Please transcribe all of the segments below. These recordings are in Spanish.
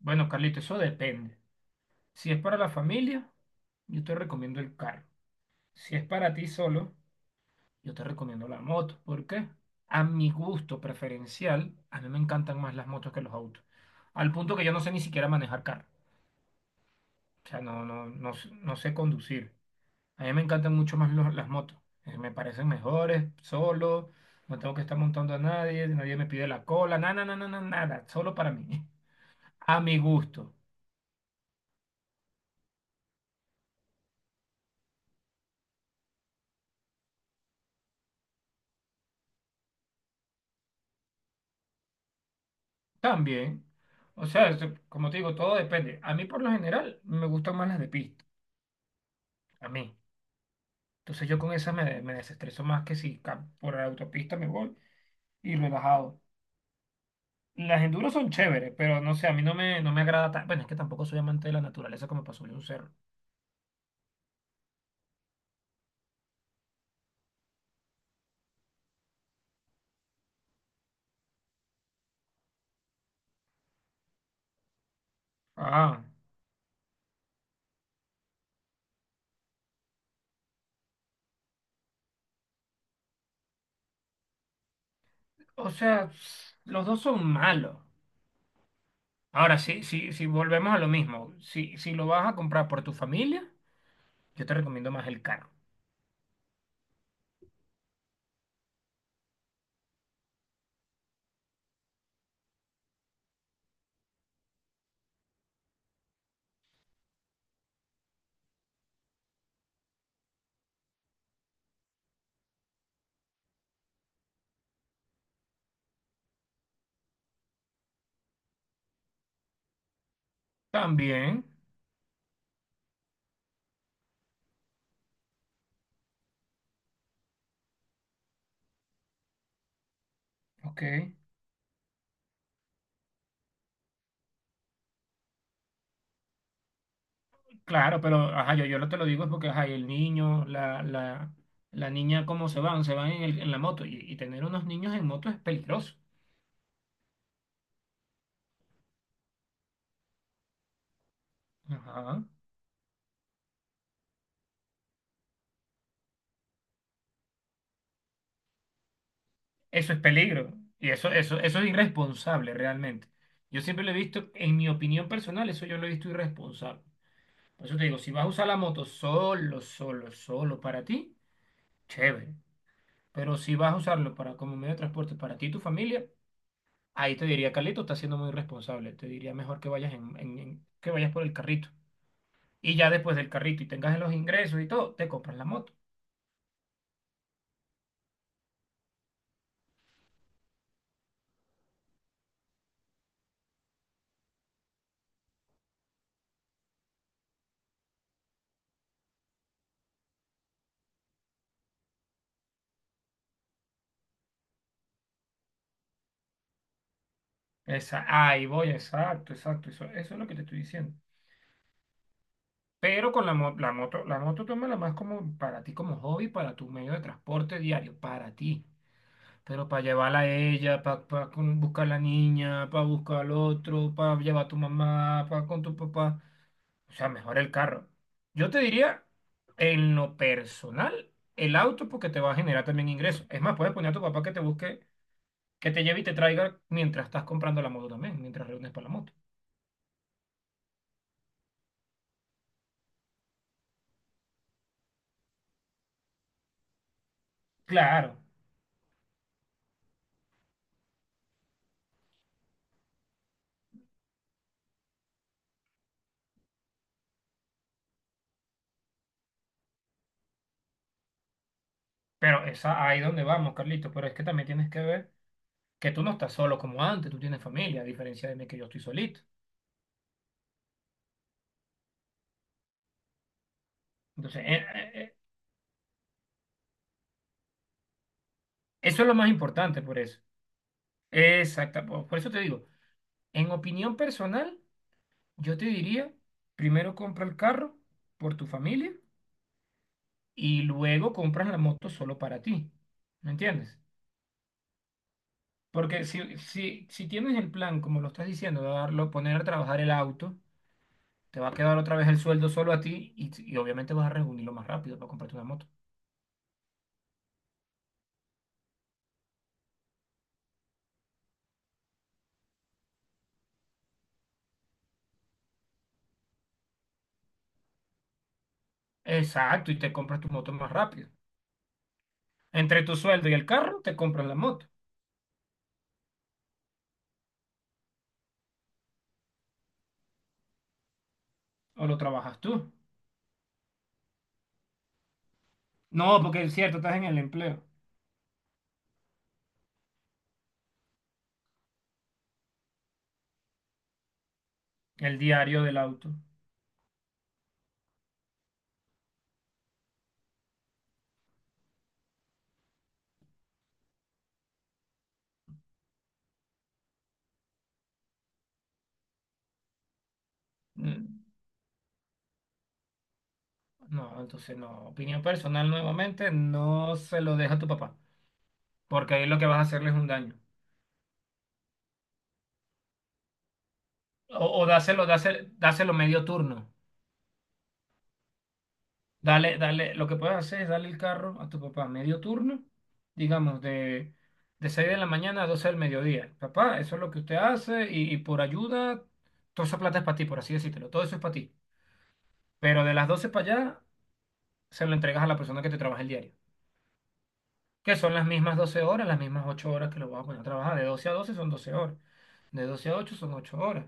Bueno, Carlito, eso depende. Si es para la familia, yo te recomiendo el carro. Si es para ti solo, yo te recomiendo la moto. ¿Por qué? A mi gusto preferencial, a mí me encantan más las motos que los autos. Al punto que yo no sé ni siquiera manejar carro. O sea, no sé conducir. A mí me encantan mucho más las motos. Me parecen mejores, solo. No tengo que estar montando a nadie, nadie me pide la cola, nada, nada, nada, nada, solo para mí. A mi gusto. También, o sea, como te digo, todo depende. A mí por lo general me gustan más las de pista, a mí. Entonces yo con esas me desestreso más que si por la autopista me voy y relajado. Las enduros son chéveres, pero no sé, a mí no me, no me agrada tanto. Bueno, es que tampoco soy amante de la naturaleza como para subir un cerro. Ah, o sea, los dos son malos. Ahora, sí, sí, si volvemos a lo mismo, si lo vas a comprar por tu familia, yo te recomiendo más el carro. También, ok. Claro, pero ajá, yo lo te lo digo es porque ajá, y el niño, la niña, ¿cómo se van? Se van en, en la moto. Y tener unos niños en moto es peligroso. Ajá. Eso es peligro. Y eso es irresponsable realmente. Yo siempre lo he visto, en mi opinión personal, eso yo lo he visto irresponsable. Por eso te digo, si vas a usar la moto solo, solo, solo para ti, chévere. Pero si vas a usarlo para, como medio de transporte para ti y tu familia, ahí te diría, Carlito, estás siendo muy irresponsable. Te diría mejor que vayas que vayas por el carrito. Y ya después del carrito y tengas los ingresos y todo, te compras la moto. Esa, ahí voy, exacto, exacto, eso es lo que te estoy diciendo. Pero con la moto tómala más como para ti como hobby, para tu medio de transporte diario, para ti. Pero para llevarla a ella, para buscar a la niña, para buscar al otro, para llevar a tu mamá, para con tu papá. O sea, mejor el carro. Yo te diría, en lo personal, el auto porque te va a generar también ingresos. Es más, puedes poner a tu papá que te busque, que te lleve y te traiga mientras estás comprando la moto también, mientras reúnes para la moto. Claro, pero esa ahí donde vamos, Carlito, pero es que también tienes que ver que tú no estás solo como antes, tú tienes familia, a diferencia de mí que yo estoy solito. Entonces, eso es lo más importante por eso. Exacto, por eso te digo, en opinión personal, yo te diría, primero compra el carro por tu familia y luego compras la moto solo para ti. ¿Me entiendes? Porque si tienes el plan, como lo estás diciendo, de darlo, poner a trabajar el auto, te va a quedar otra vez el sueldo solo a ti y obviamente vas a reunirlo más rápido para comprarte una moto. Exacto, y te compras tu moto más rápido. Entre tu sueldo y el carro, te compras la moto o lo trabajas tú. No, porque es cierto, estás en el empleo, el diario del auto. Mm. No, entonces no. Opinión personal nuevamente, no se lo deja a tu papá, porque ahí lo que vas a hacerle es un daño. O dáselo, dáselo, dáselo medio turno. Dale, dale, lo que puedes hacer es darle el carro a tu papá medio turno, digamos, de 6 de la mañana a 12 del mediodía. Papá, eso es lo que usted hace y por ayuda, toda esa plata es para ti, por así decírtelo, todo eso es para ti. Pero de las 12 para allá, se lo entregas a la persona que te trabaja el diario, que son las mismas 12 horas, las mismas 8 horas que lo vas a poner a trabajar. De 12 a 12 son 12 horas, de 12 a ocho son 8 horas.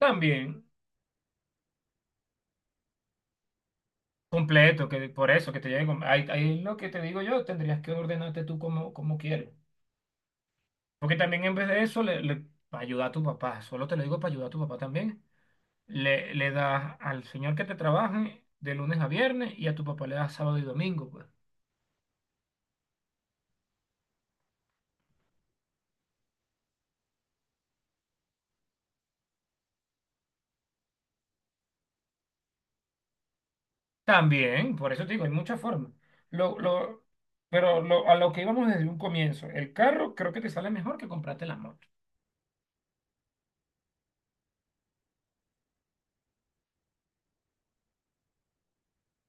También completo, que por eso, que te lleguen, ahí, ahí es lo que te digo yo, tendrías que ordenarte tú como, como quieres. Porque también en vez de eso, para ayudar a tu papá, solo te lo digo para ayudar a tu papá también, le das al señor que te trabaje de lunes a viernes y a tu papá le das sábado y domingo, pues. También, por eso te digo, hay muchas formas. Lo, lo, pero lo, a lo que íbamos desde un comienzo, el carro creo que te sale mejor que comprarte la moto.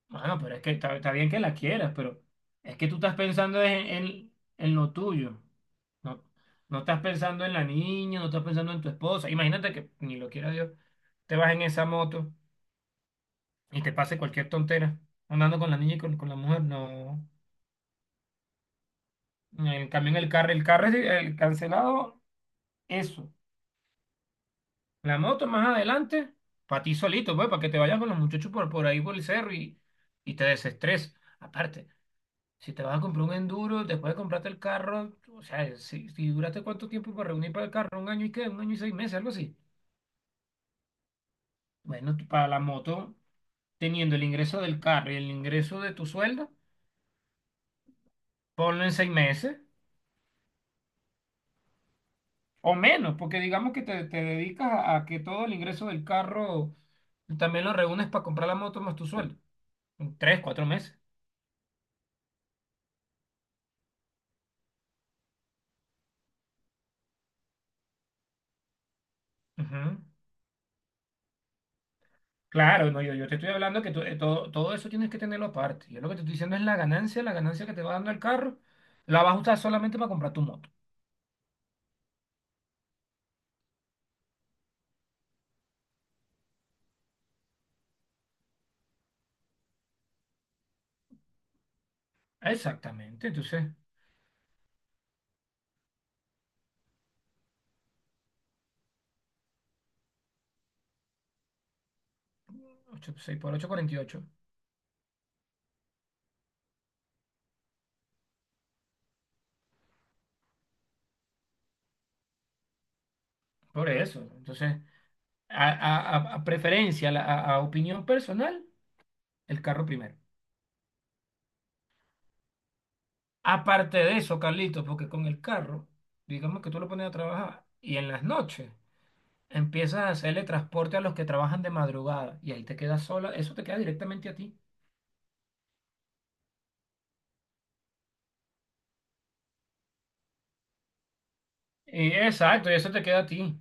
Bueno, pero es que está bien que la quieras, pero es que tú estás pensando en lo tuyo. No, no estás pensando en la niña, no estás pensando en tu esposa. Imagínate que, ni lo quiera Dios, te vas en esa moto y te pase cualquier tontera andando con la niña y con la mujer. No. En cambio, en el carro es el cancelado, eso. La moto más adelante, para ti solito, pues, para que te vayas con los muchachos por ahí por el cerro y te desestreses. Aparte. Si te vas a comprar un enduro, después de comprarte el carro, o sea, si duraste cuánto tiempo para reunir para el carro, un año y qué, un año y seis meses, algo así. Bueno, tú para la moto, teniendo el ingreso del carro y el ingreso de tu sueldo, ponlo en seis meses o menos, porque digamos que te dedicas a que todo el ingreso del carro también lo reúnes para comprar la moto más tu sueldo. En tres, cuatro meses. Ujú. Claro, no, yo te estoy hablando que todo, todo eso tienes que tenerlo aparte. Yo lo que te estoy diciendo es la ganancia que te va dando el carro, la vas a usar solamente para comprar tu moto. Exactamente, entonces, ocho seis por ocho cuarenta y ocho. Por eso, entonces, a preferencia, a opinión personal, el carro primero. Aparte de eso, Carlitos, porque con el carro, digamos que tú lo pones a trabajar y en las noches empiezas a hacerle transporte a los que trabajan de madrugada y ahí te quedas sola, eso te queda directamente a ti. Exacto, y eso te queda a ti.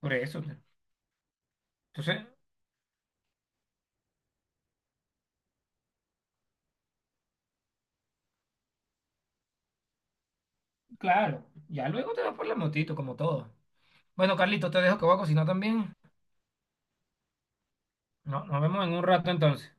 Por eso. Entonces, claro, ya luego te vas por la motito, como todo. Bueno, Carlito, te dejo que voy a cocinar también. No, nos vemos en un rato entonces.